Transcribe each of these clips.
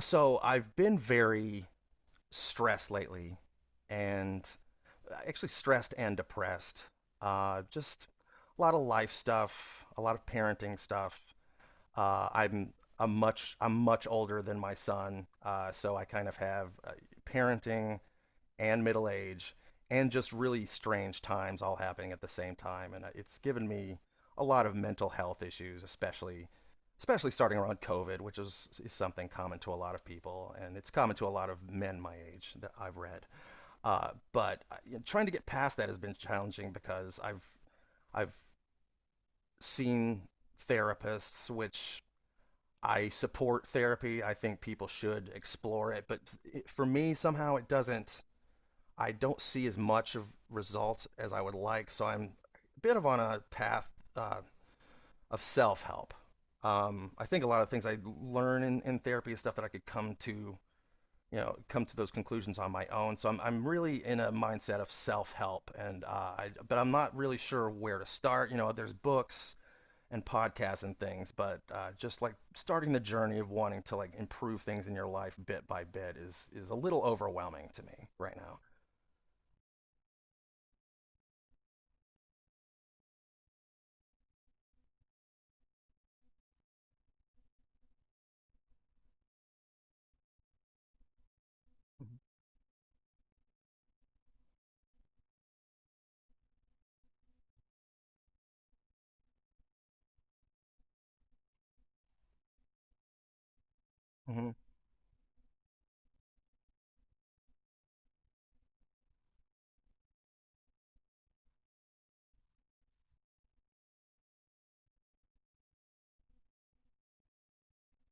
So I've been very stressed lately, and actually stressed and depressed. Just a lot of life stuff, a lot of parenting stuff. Uh, I'm I'm much older than my son, so I kind of have parenting and middle age and just really strange times all happening at the same time, and it's given me a lot of mental health issues, especially starting around COVID, which is something common to a lot of people, and it's common to a lot of men my age that I've read. But trying to get past that has been challenging because I've seen therapists, which, I support therapy, I think people should explore it, but for me somehow it doesn't I don't see as much of results as I would like. So I'm a bit of on a path of self help. I think a lot of things I learn in therapy is stuff that I could come to those conclusions on my own. So I'm really in a mindset of self help. But I'm not really sure where to start. You know, there's books and podcasts and things, but just like starting the journey of wanting to like improve things in your life bit by bit is a little overwhelming to me right now. Mm-hmm.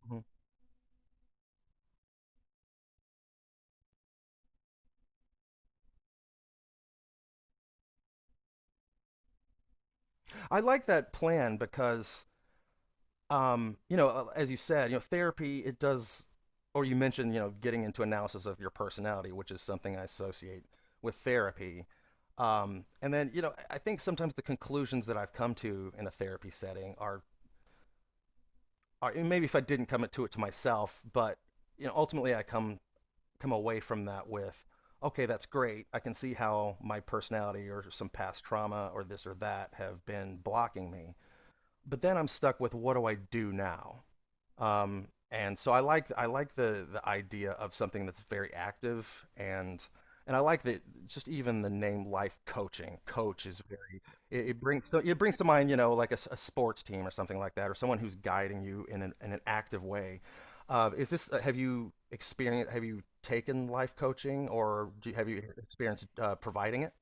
Mm-hmm. I like that plan because, as you said, therapy it does, or you mentioned, getting into analysis of your personality, which is something I associate with therapy. And then, I think sometimes the conclusions that I've come to in a therapy setting are maybe if I didn't come to it to myself, but ultimately I come away from that with, okay, that's great. I can see how my personality or some past trauma or this or that have been blocking me, but then I'm stuck with what do I do now? And so I like the idea of something that's very active, and I like that just even the name life coaching coach is very, it brings to mind, like a sports team or something like that, or someone who's guiding you in an active way. Is this have you experienced have you taken life coaching, or have you experienced providing it?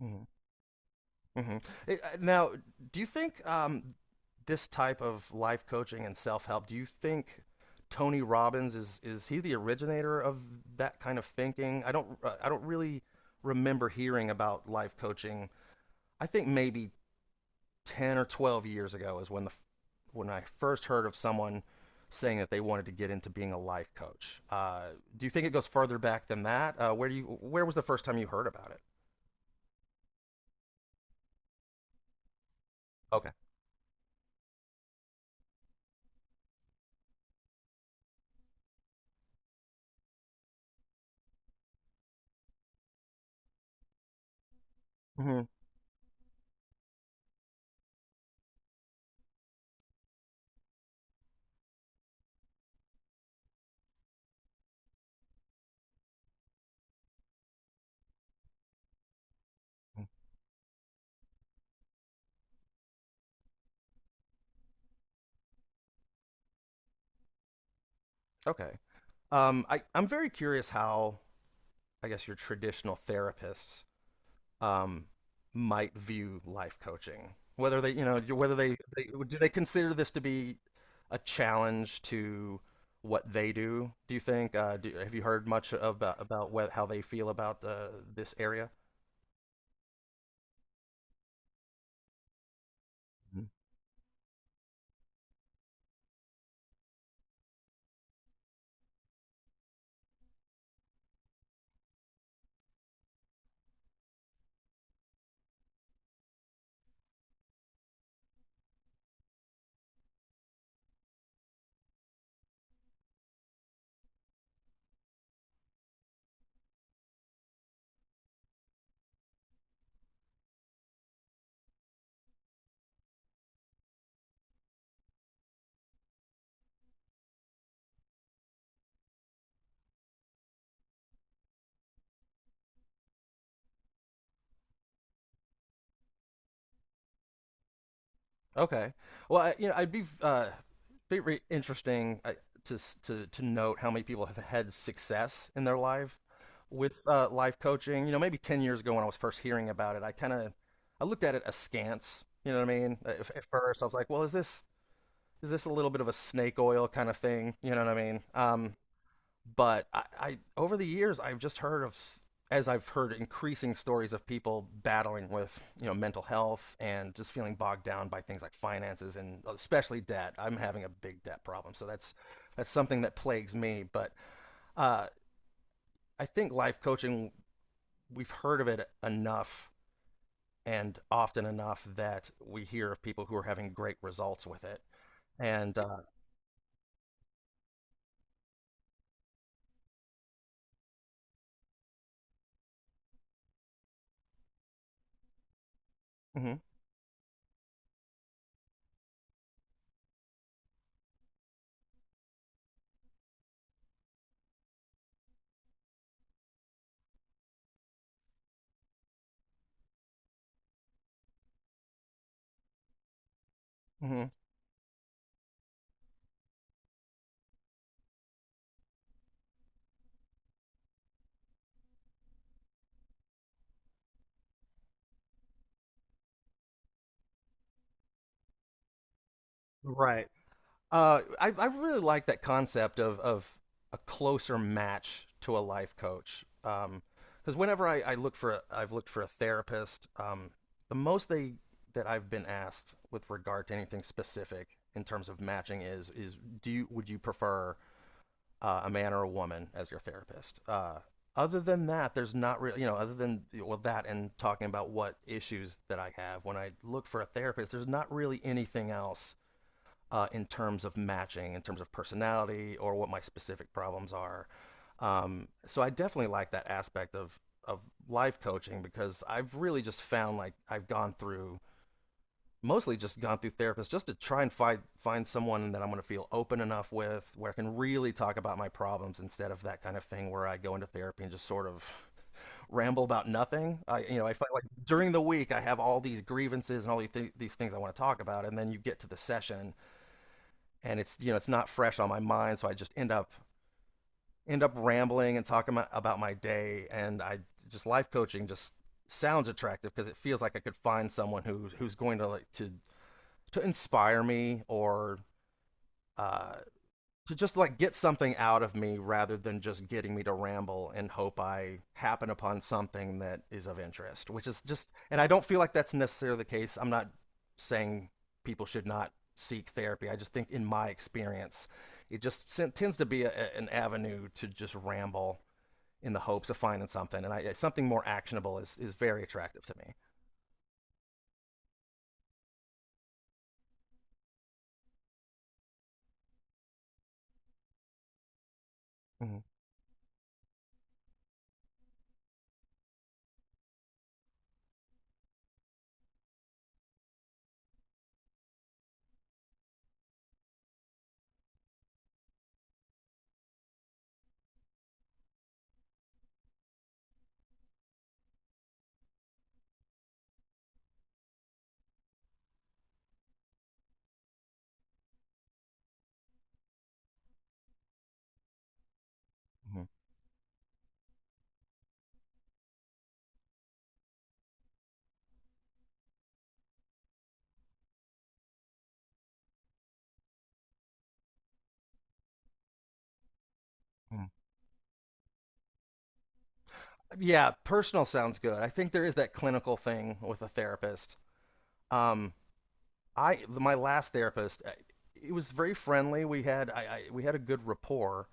Right. hmm Now, do you think this type of life coaching and self help? Do you think Tony Robbins is he the originator of that kind of thinking? I don't really remember hearing about life coaching. I think maybe 10 or 12 years ago is when I first heard of someone saying that they wanted to get into being a life coach. Do you think it goes further back than that? Where do you Where was the first time you heard about it? Okay. Hmm. Okay. I'm very curious how I guess your traditional therapists um, might view life coaching. Whether they, you know, whether they do they consider this to be a challenge to what they do? Do you think? Have you heard much about how they feel about this area? Okay. Well, I'd be interesting to to note how many people have had success in their life with life coaching. You know, maybe 10 years ago when I was first hearing about it, I kind of I looked at it askance. You know what I mean? At first, I was like, well, is this a little bit of a snake oil kind of thing? You know what I mean? But I over the years I've just heard of as I've heard increasing stories of people battling with mental health and just feeling bogged down by things like finances and especially debt. I'm having a big debt problem, so that's something that plagues me. But uh, I think life coaching we've heard of it enough and often enough that we hear of people who are having great results with it. And mhm, mhm. Right. I really like that concept of a closer match to a life coach. Because whenever I've looked for a therapist. The most they that I've been asked with regard to anything specific in terms of matching is do you would you prefer a man or a woman as your therapist? Other than that, there's not really other than well that and talking about what issues that I have when I look for a therapist, there's not really anything else in terms of matching, in terms of personality, or what my specific problems are. So I definitely like that aspect of life coaching, because I've really just found like I've gone through mostly just gone through therapists just to try and find someone that I'm going to feel open enough with where I can really talk about my problems, instead of that kind of thing where I go into therapy and just sort of ramble about nothing. I you know I find, like, during the week I have all these grievances and these things I want to talk about, and then you get to the session and it's you know it's not fresh on my mind, so I just end up rambling and talking about my day, and I just life coaching just sounds attractive because it feels like I could find someone who's going to like to inspire me, or uh, to just like get something out of me, rather than just getting me to ramble and hope I happen upon something that is of interest, which is just, and I don't feel like that's necessarily the case. I'm not saying people should not seek therapy. I just think in my experience, it just tends to be an avenue to just ramble in the hopes of finding something. And something more actionable is very attractive to me. Mm-hmm. Mm-hmm. Mm-hmm. Yeah, personal sounds good. I think there is that clinical thing with a therapist. Um, I My last therapist, it was very friendly. We had a good rapport.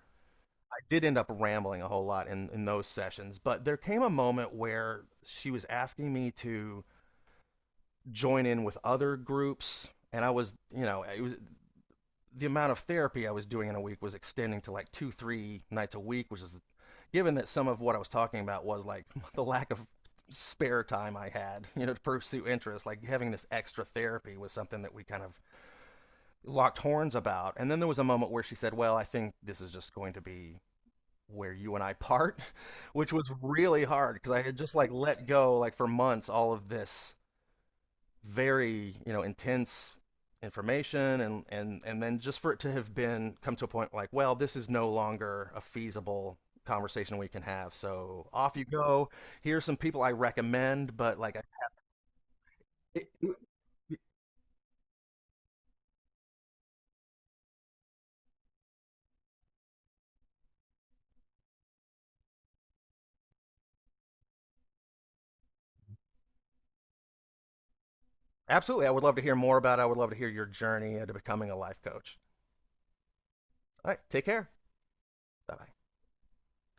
I did end up rambling a whole lot in those sessions, but there came a moment where she was asking me to join in with other groups, and I was you know it was, the amount of therapy I was doing in a week was extending to like two three nights a week, which is, given that some of what I was talking about was like the lack of spare time I had, to pursue interests, like having this extra therapy was something that we kind of locked horns about. And then there was a moment where she said, well, I think this is just going to be where you and I part, which was really hard because I had just like let go, like for months, all of this very, intense information, and then just for it to have been come to a point like, well, this is no longer a feasible conversation we can have, so off you go, here's some people I recommend, but like, absolutely, I would love to hear more about it. I would love to hear your journey into becoming a life coach. All right, take care. Bye bye.